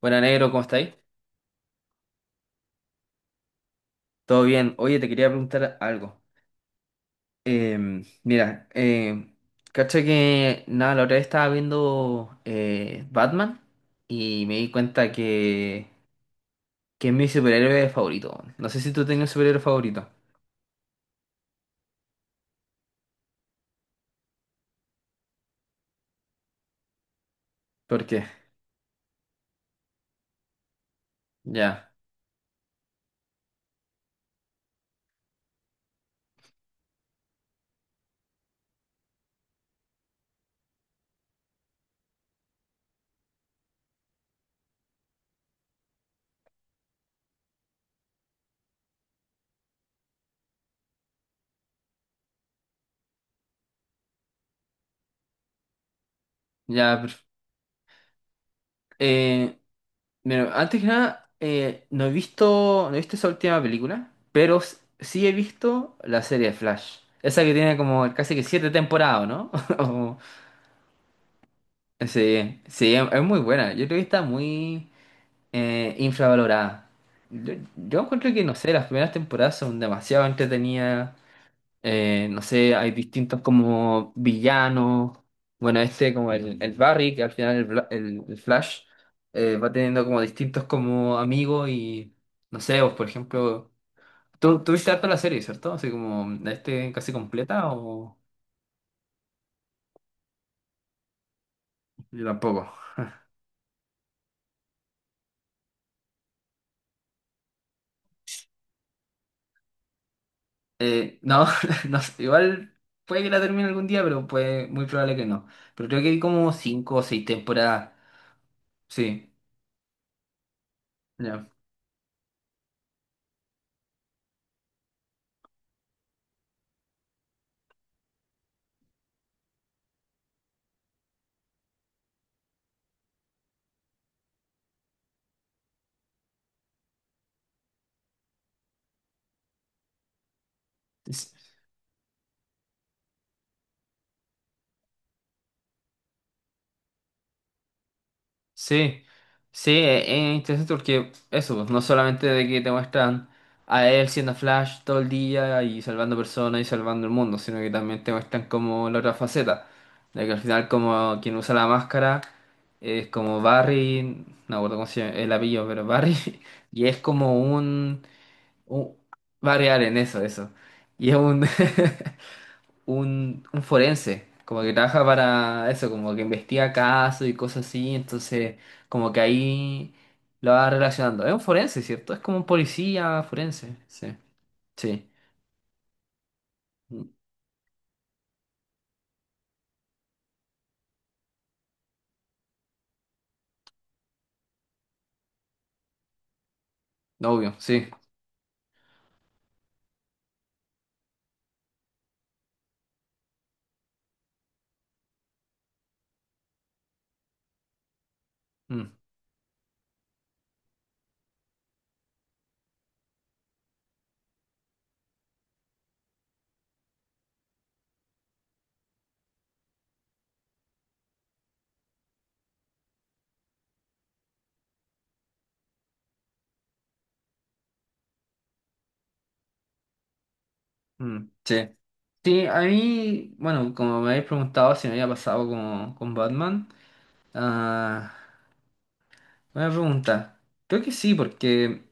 Buena negro, ¿cómo estáis? ¿Todo bien? Oye, te quería preguntar algo. Mira, cacha que nada, la otra vez estaba viendo Batman y me di cuenta que es mi superhéroe favorito. Weón. No sé si tú tenías un superhéroe favorito. ¿Por qué? Ya, ya. Eh, Mira, antes que nada, no he visto esa última película, pero sí he visto la serie de Flash. Esa que tiene como casi que siete temporadas, ¿no? Sí, sí, es muy buena. Yo creo que está muy infravalorada. Yo encuentro que, no sé, las primeras temporadas son demasiado entretenidas. No sé, hay distintos como villanos. Bueno, este como el Barry, que al final el Flash va teniendo como distintos como amigos y, no sé, vos, por ejemplo, ¿tú viste harto la serie, cierto? Así como, ¿la este casi completa o yo tampoco? No, no sé, igual puede que la termine algún día, pero muy probable que no. Pero creo que hay como cinco o seis temporadas. Sí, ya. S- Sí, sí, es interesante porque eso, pues, no solamente de que te muestran a él siendo Flash todo el día y salvando personas y salvando el mundo, sino que también te muestran como la otra faceta, de que al final como quien usa la máscara es como Barry, no me acuerdo cómo se llama el apellido, pero Barry, y es como un un- variar en eso, eso. Y es un, un forense, como que trabaja para eso, como que investiga casos y cosas así, entonces como que ahí lo va relacionando. Es un forense, ¿cierto? Es como un policía forense, sí, sí. Mm, obvio, sí. Mm, mm, sí. Sí, a mí, bueno, como me habéis preguntado si me había pasado como con Batman, ah, buena pregunta. Creo que sí, porque...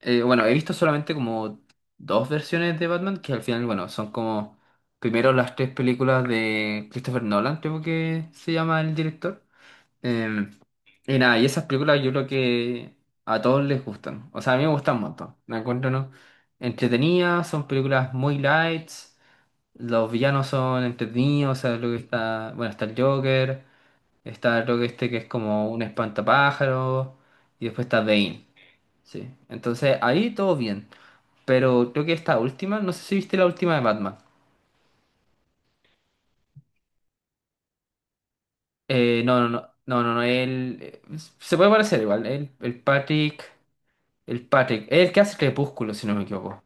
Bueno, he visto solamente como dos versiones de Batman que al final, bueno, son como primero las tres películas de Christopher Nolan, creo que se llama el director. Eh, y nada, y esas películas yo creo que a todos les gustan. O sea, a mí me gustan un montón. Me encuentro, ¿no? entretenidas, son películas muy lights, los villanos son entretenidos, o sea, lo que está, bueno, está el Joker, está lo que este que es como un espantapájaro, y después está Bane. Sí, entonces ahí todo bien. Pero creo que esta última, no sé si viste la última de Batman. No, no, no, no, no, no, él se puede parecer igual, el Patrick, el Patrick, el que hace Crepúsculo, si no me equivoco.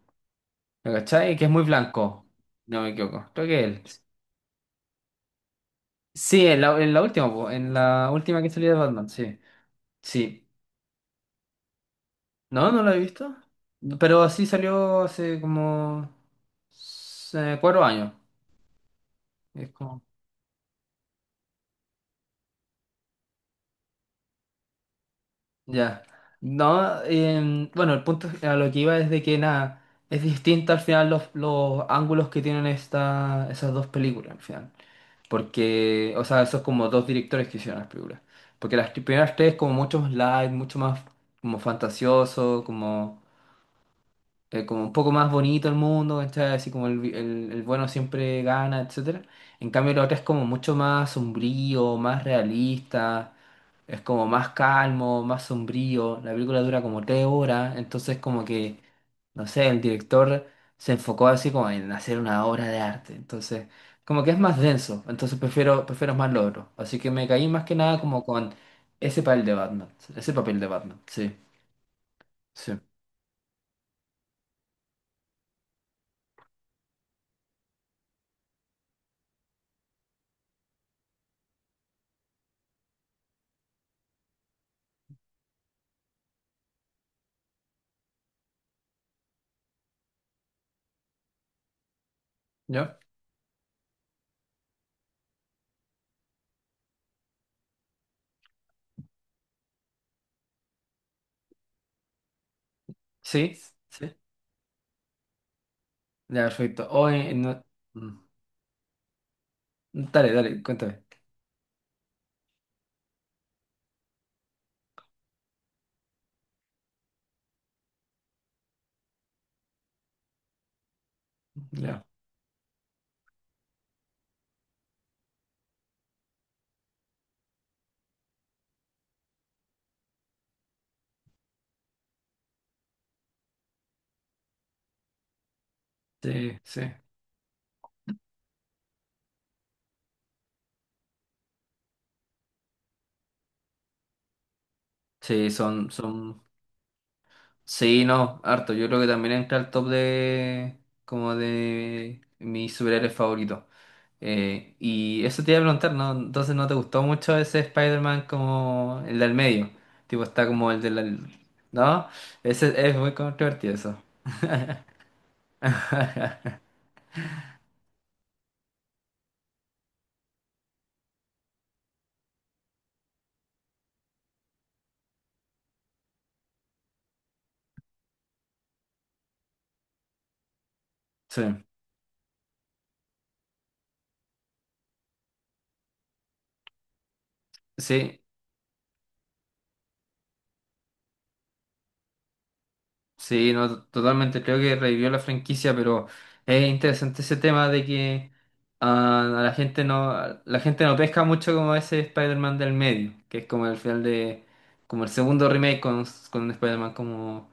¿Me cachai? Que es muy blanco, no me equivoco. Creo que él. Sí, en la última, po, en la última que salió de Batman, sí. Sí. No, no la he visto. No, pero así salió hace como 4 años. Es como- Ya. No, bueno, el punto a lo que iba es de que nada, es distinta al final los ángulos que tienen esas dos películas, al final. Porque, o sea, esos como dos directores que hicieron las películas. Porque las primeras tres como mucho más light, mucho más como fantasioso, como un poco más bonito el mundo, ¿cachai? Así como el bueno siempre gana, etcétera. En cambio, la otra es como mucho más sombrío, más realista, es como más calmo, más sombrío. La película dura como 3 horas, entonces como que, no sé, el director se enfocó así como en hacer una obra de arte. Entonces, como que es más denso, entonces prefiero más lo otro. Así que me caí más que nada como con ese papel de Batman, ese papel de Batman, sí, sí. ¿Yo? Sí. Sí. Ya, perfecto. O en no- Mm. Dale, dale, cuéntame. Ya. Sí, sí. Sí, son. Sí, no, harto. Yo creo que también entra al top de, como de mis superhéroes favoritos. Y eso te iba a preguntar, ¿no? Entonces no te gustó mucho ese Spider-Man como el del medio. Tipo, está como el del. ¿No? Ese es muy controvertido eso. Sí. Sí. Sí, no, totalmente. Creo que revivió la franquicia, pero es interesante ese tema de que a la gente no pesca mucho como ese Spider-Man del medio, que es como el final de, como el segundo remake con un Spider-Man como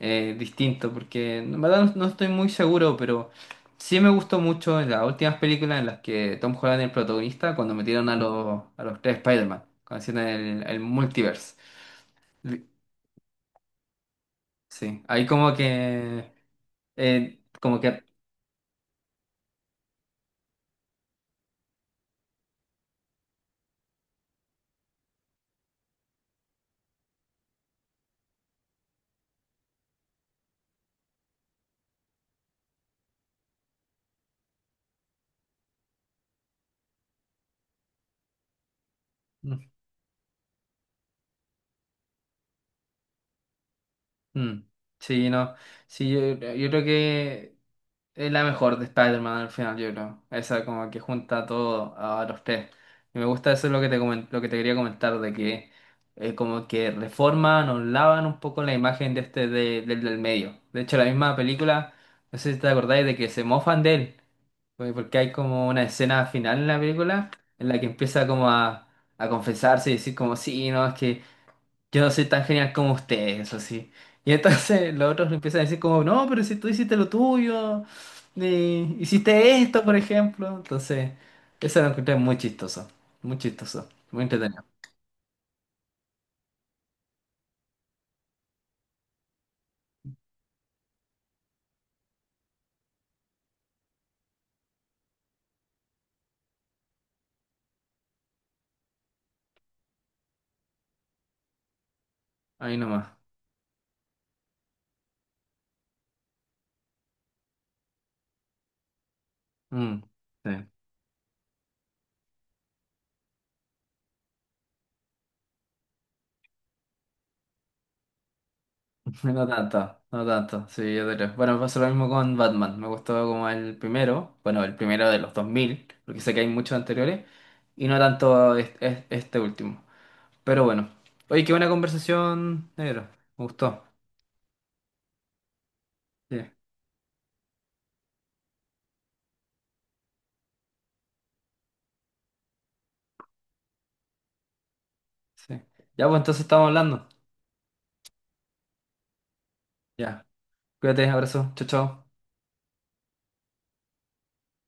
distinto, porque en verdad no estoy muy seguro, pero sí me gustó mucho en las últimas películas en las que Tom Holland es el protagonista, cuando metieron a los tres Spider-Man, cuando hicieron el multiverse. Sí, ahí como que eh, como que Ujú. Sí, no. Sí, yo creo que es la mejor de Spider-Man al final, yo creo. Esa como que junta todo a los tres. Y me gusta eso es lo que te quería comentar, de que como que reforman o lavan un poco la imagen de este del medio. De hecho, la misma película, no sé si te acordáis de que se mofan de él. Pues porque hay como una escena final en la película en la que empieza como a confesarse y decir como sí, no, es que yo no soy tan genial como ustedes eso sí. Y entonces los otros le empiezan a decir como, no, pero si tú hiciste lo tuyo, hiciste esto, por ejemplo. Entonces, eso lo encontré muy chistoso, muy chistoso, muy entretenido. Ahí nomás. Mm, sí. No tanto, no tanto, sí, yo creo. Bueno, me pasó lo mismo con Batman, me gustó como el primero, bueno, el primero de los 2000 porque sé que hay muchos anteriores, y no tanto este último. Pero bueno, oye, qué buena conversación, negro, me gustó. Sí. Sí. Ya, pues entonces estamos hablando. Ya. Cuídate, abrazo. Chao, chao.